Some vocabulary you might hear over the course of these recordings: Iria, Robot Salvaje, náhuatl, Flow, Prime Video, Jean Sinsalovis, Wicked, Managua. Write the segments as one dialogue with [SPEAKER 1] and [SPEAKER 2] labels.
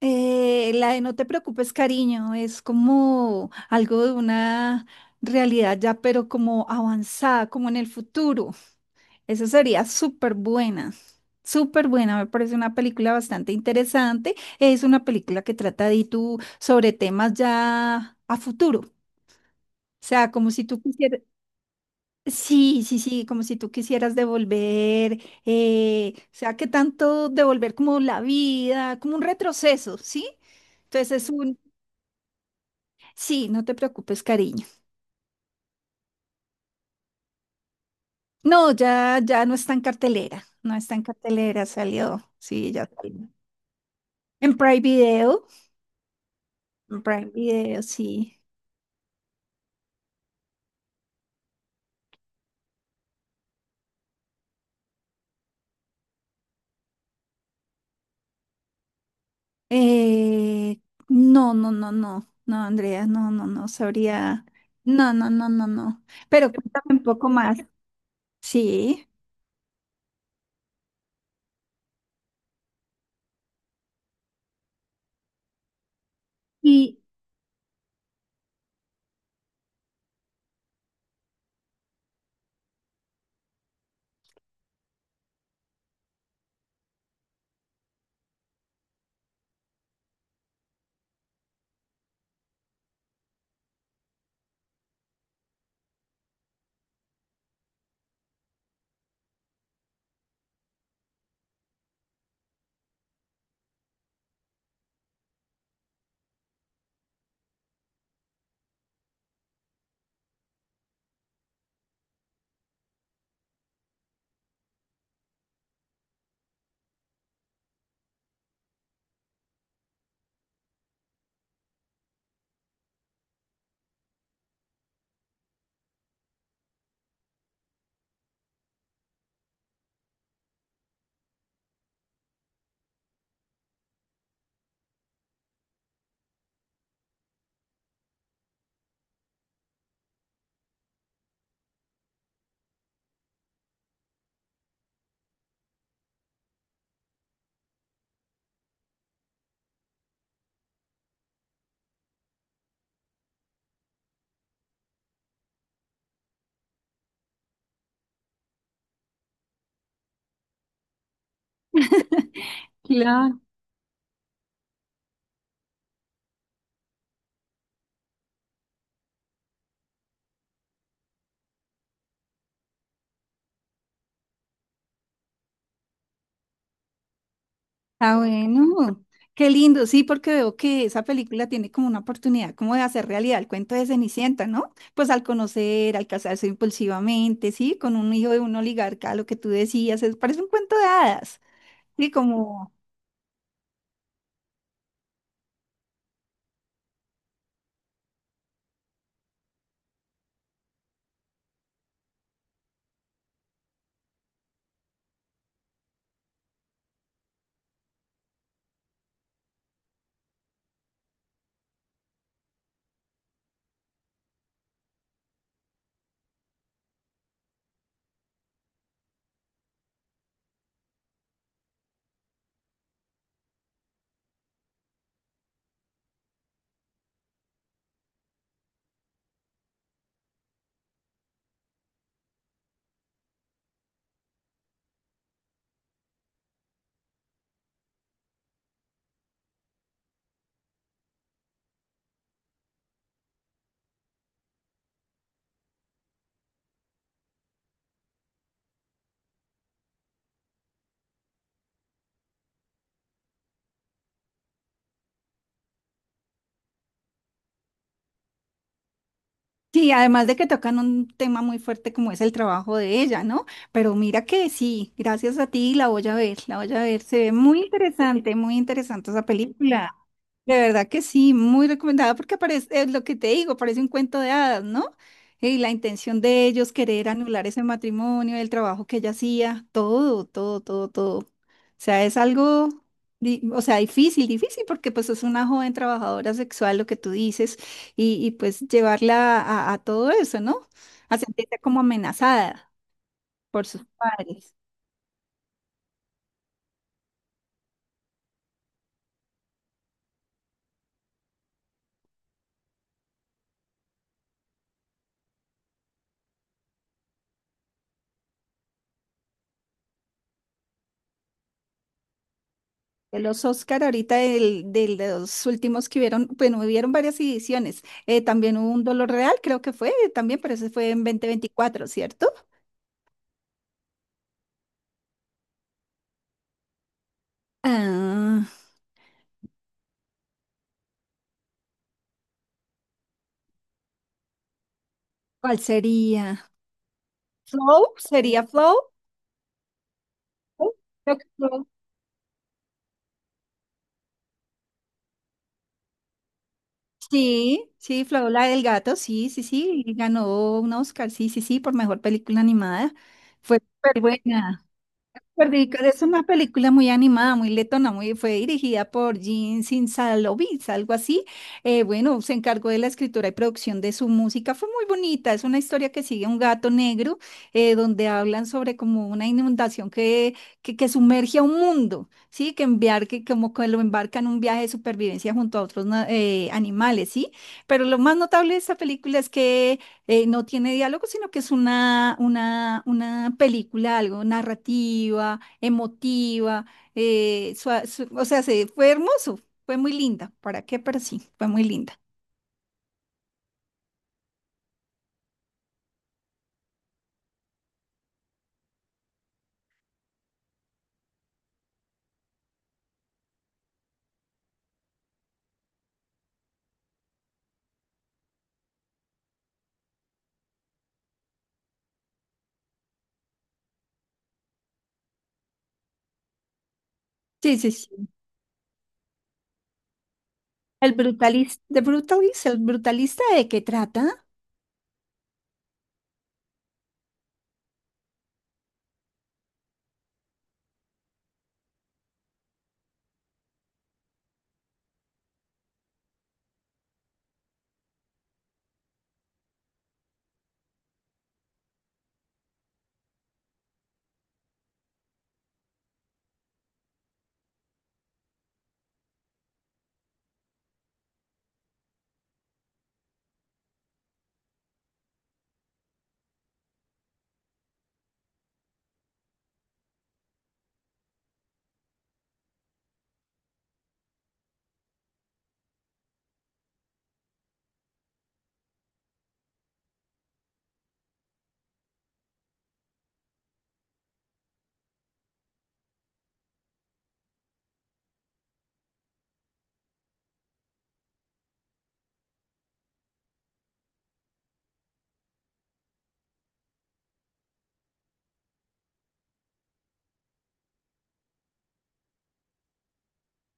[SPEAKER 1] La de no te preocupes, cariño, es como algo de una realidad ya, pero como avanzada, como en el futuro. Esa sería súper buena, súper buena. Me parece una película bastante interesante. Es una película que trata de tú sobre temas ya a futuro. O sea, como si tú quisieras, sí, sí, sí, como si tú quisieras devolver, o sea, que tanto devolver como la vida, como un retroceso, ¿sí? Entonces es un, sí, no te preocupes, cariño. No, ya no está en cartelera, no está en cartelera, salió, sí, ya salió. En Prime Video, en Prime Video, sí. Eh, no, no, no, no, no, Andrea, no, no, no, sabría, no, no, no, no, no. Pero cuéntame un poco más, sí. Y, claro. Ah, bueno, qué lindo, sí, porque veo que esa película tiene como una oportunidad como de hacer realidad el cuento de Cenicienta, ¿no? Pues al conocer, al casarse impulsivamente, sí, con un hijo de un oligarca, lo que tú decías, es, parece un cuento de hadas, sí, como, sí, además de que tocan un tema muy fuerte como es el trabajo de ella, ¿no? Pero mira que sí, gracias a ti la voy a ver, la voy a ver, se ve muy interesante esa película. De verdad que sí, muy recomendada porque parece, es lo que te digo, parece un cuento de hadas, ¿no? Y la intención de ellos querer anular ese matrimonio, el trabajo que ella hacía, todo, todo, todo, todo. O sea, es algo, o sea, difícil, difícil porque pues es una joven trabajadora sexual, lo que tú dices, y, pues llevarla a todo eso, ¿no? A sentirse como amenazada por sus padres. De los Oscar, ahorita del- de los últimos que hubieron, bueno, hubieron varias ediciones. También hubo un Dolor Real, creo que fue también, pero ese fue en 2024, ¿cierto? Ah, ¿cuál sería? ¿Flow? ¿Sería Flow? Flow, creo que Flow. Sí, sí, Flow, la del gato, sí, sí, sí, y ganó un Oscar, sí, sí, sí, por mejor película animada. Fue súper buena. Perdidos es una película muy animada, muy letona, muy, fue dirigida por Jean Sinsalovis, algo así. Bueno, se encargó de la escritura y producción de su música. Fue muy bonita, es una historia que sigue un gato negro, donde hablan sobre como una inundación que, que sumerge a un mundo, ¿sí? Que enviar, que como que lo embarca en un viaje de supervivencia junto a otros animales, ¿sí? Pero lo más notable de esta película es que no tiene diálogo, sino que es una, una película, algo narrativa, emotiva, o sea, se, fue hermoso, fue muy linda, ¿para qué? Pero sí, fue muy linda. Sí, sí, sí. El brutalista, ¿de brutalista? ¿El brutalista de qué trata?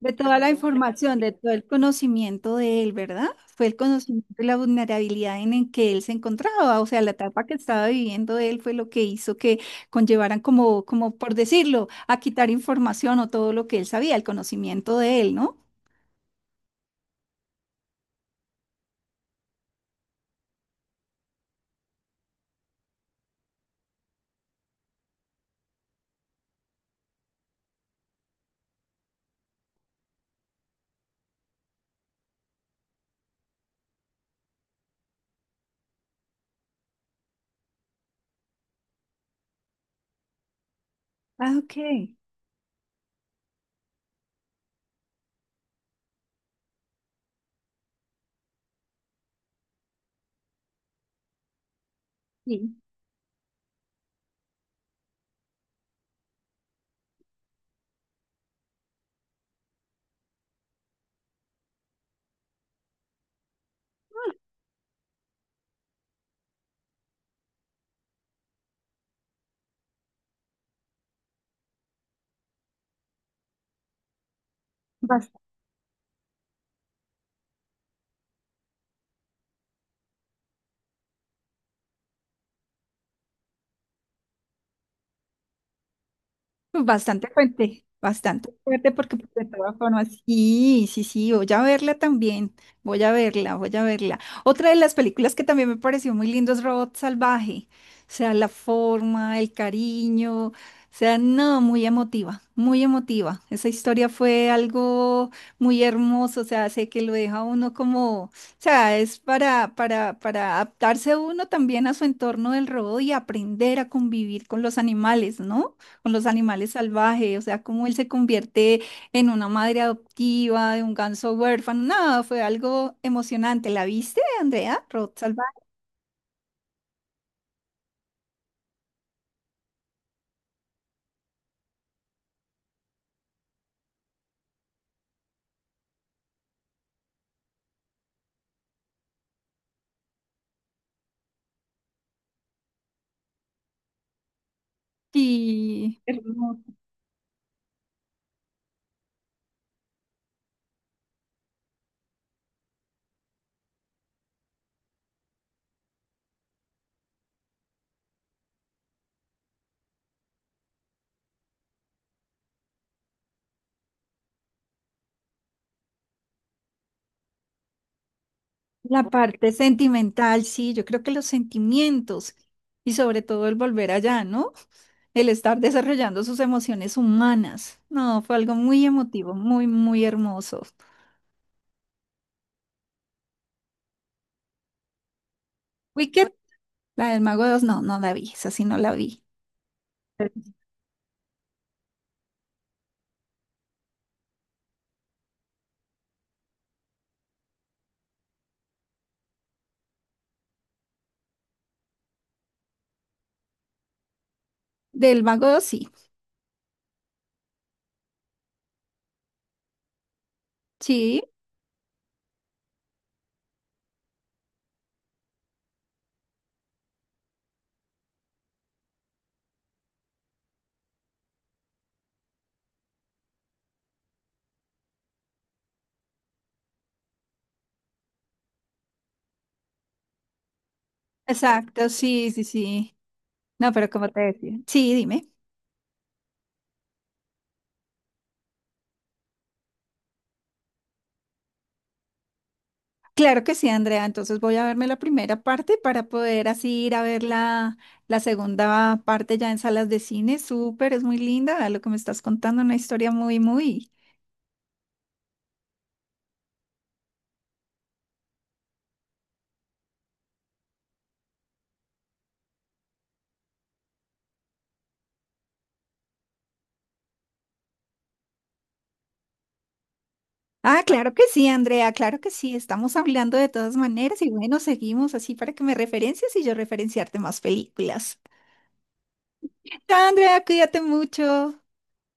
[SPEAKER 1] De toda la información, de todo el conocimiento de él, ¿verdad? Fue el conocimiento de la vulnerabilidad en el que él se encontraba, o sea, la etapa que estaba viviendo él fue lo que hizo que conllevaran como, como por decirlo, a quitar información o todo lo que él sabía, el conocimiento de él, ¿no? Ah, ok. Sí. Bastante fuerte porque pues, de todas formas, sí, sí, sí, voy a verla también, voy a verla, voy a verla. Otra de las películas que también me pareció muy lindo es Robot Salvaje, o sea, la forma, el cariño, o sea, no, muy emotiva, muy emotiva. Esa historia fue algo muy hermoso, o sea, sé que lo deja a uno como, o sea, es para, para adaptarse uno también a su entorno del robot y aprender a convivir con los animales, ¿no? Con los animales salvajes, o sea, cómo él se convierte en una madre adoptiva de un ganso huérfano. Nada, fue algo emocionante. ¿La viste, Andrea? Rod salvaje. Sí, hermoso. La parte sentimental, sí, yo creo que los sentimientos y sobre todo el volver allá, ¿no? El estar desarrollando sus emociones humanas. No, fue algo muy emotivo, muy, muy hermoso. Wicked, la del Mago dos, no, no la vi, esa sí no la vi. Del Mago 2, sí. Sí, exacto, sí, sí, sí. No, pero como te decía. Sí, dime. Claro que sí, Andrea. Entonces voy a verme la primera parte para poder así ir a ver la, la segunda parte ya en salas de cine. Súper, es muy linda lo que me estás contando, una historia muy, muy. Ah, claro que sí, Andrea, claro que sí. Estamos hablando de todas maneras y bueno, seguimos así para que me referencias y yo referenciarte más películas. Chao, Andrea, cuídate mucho.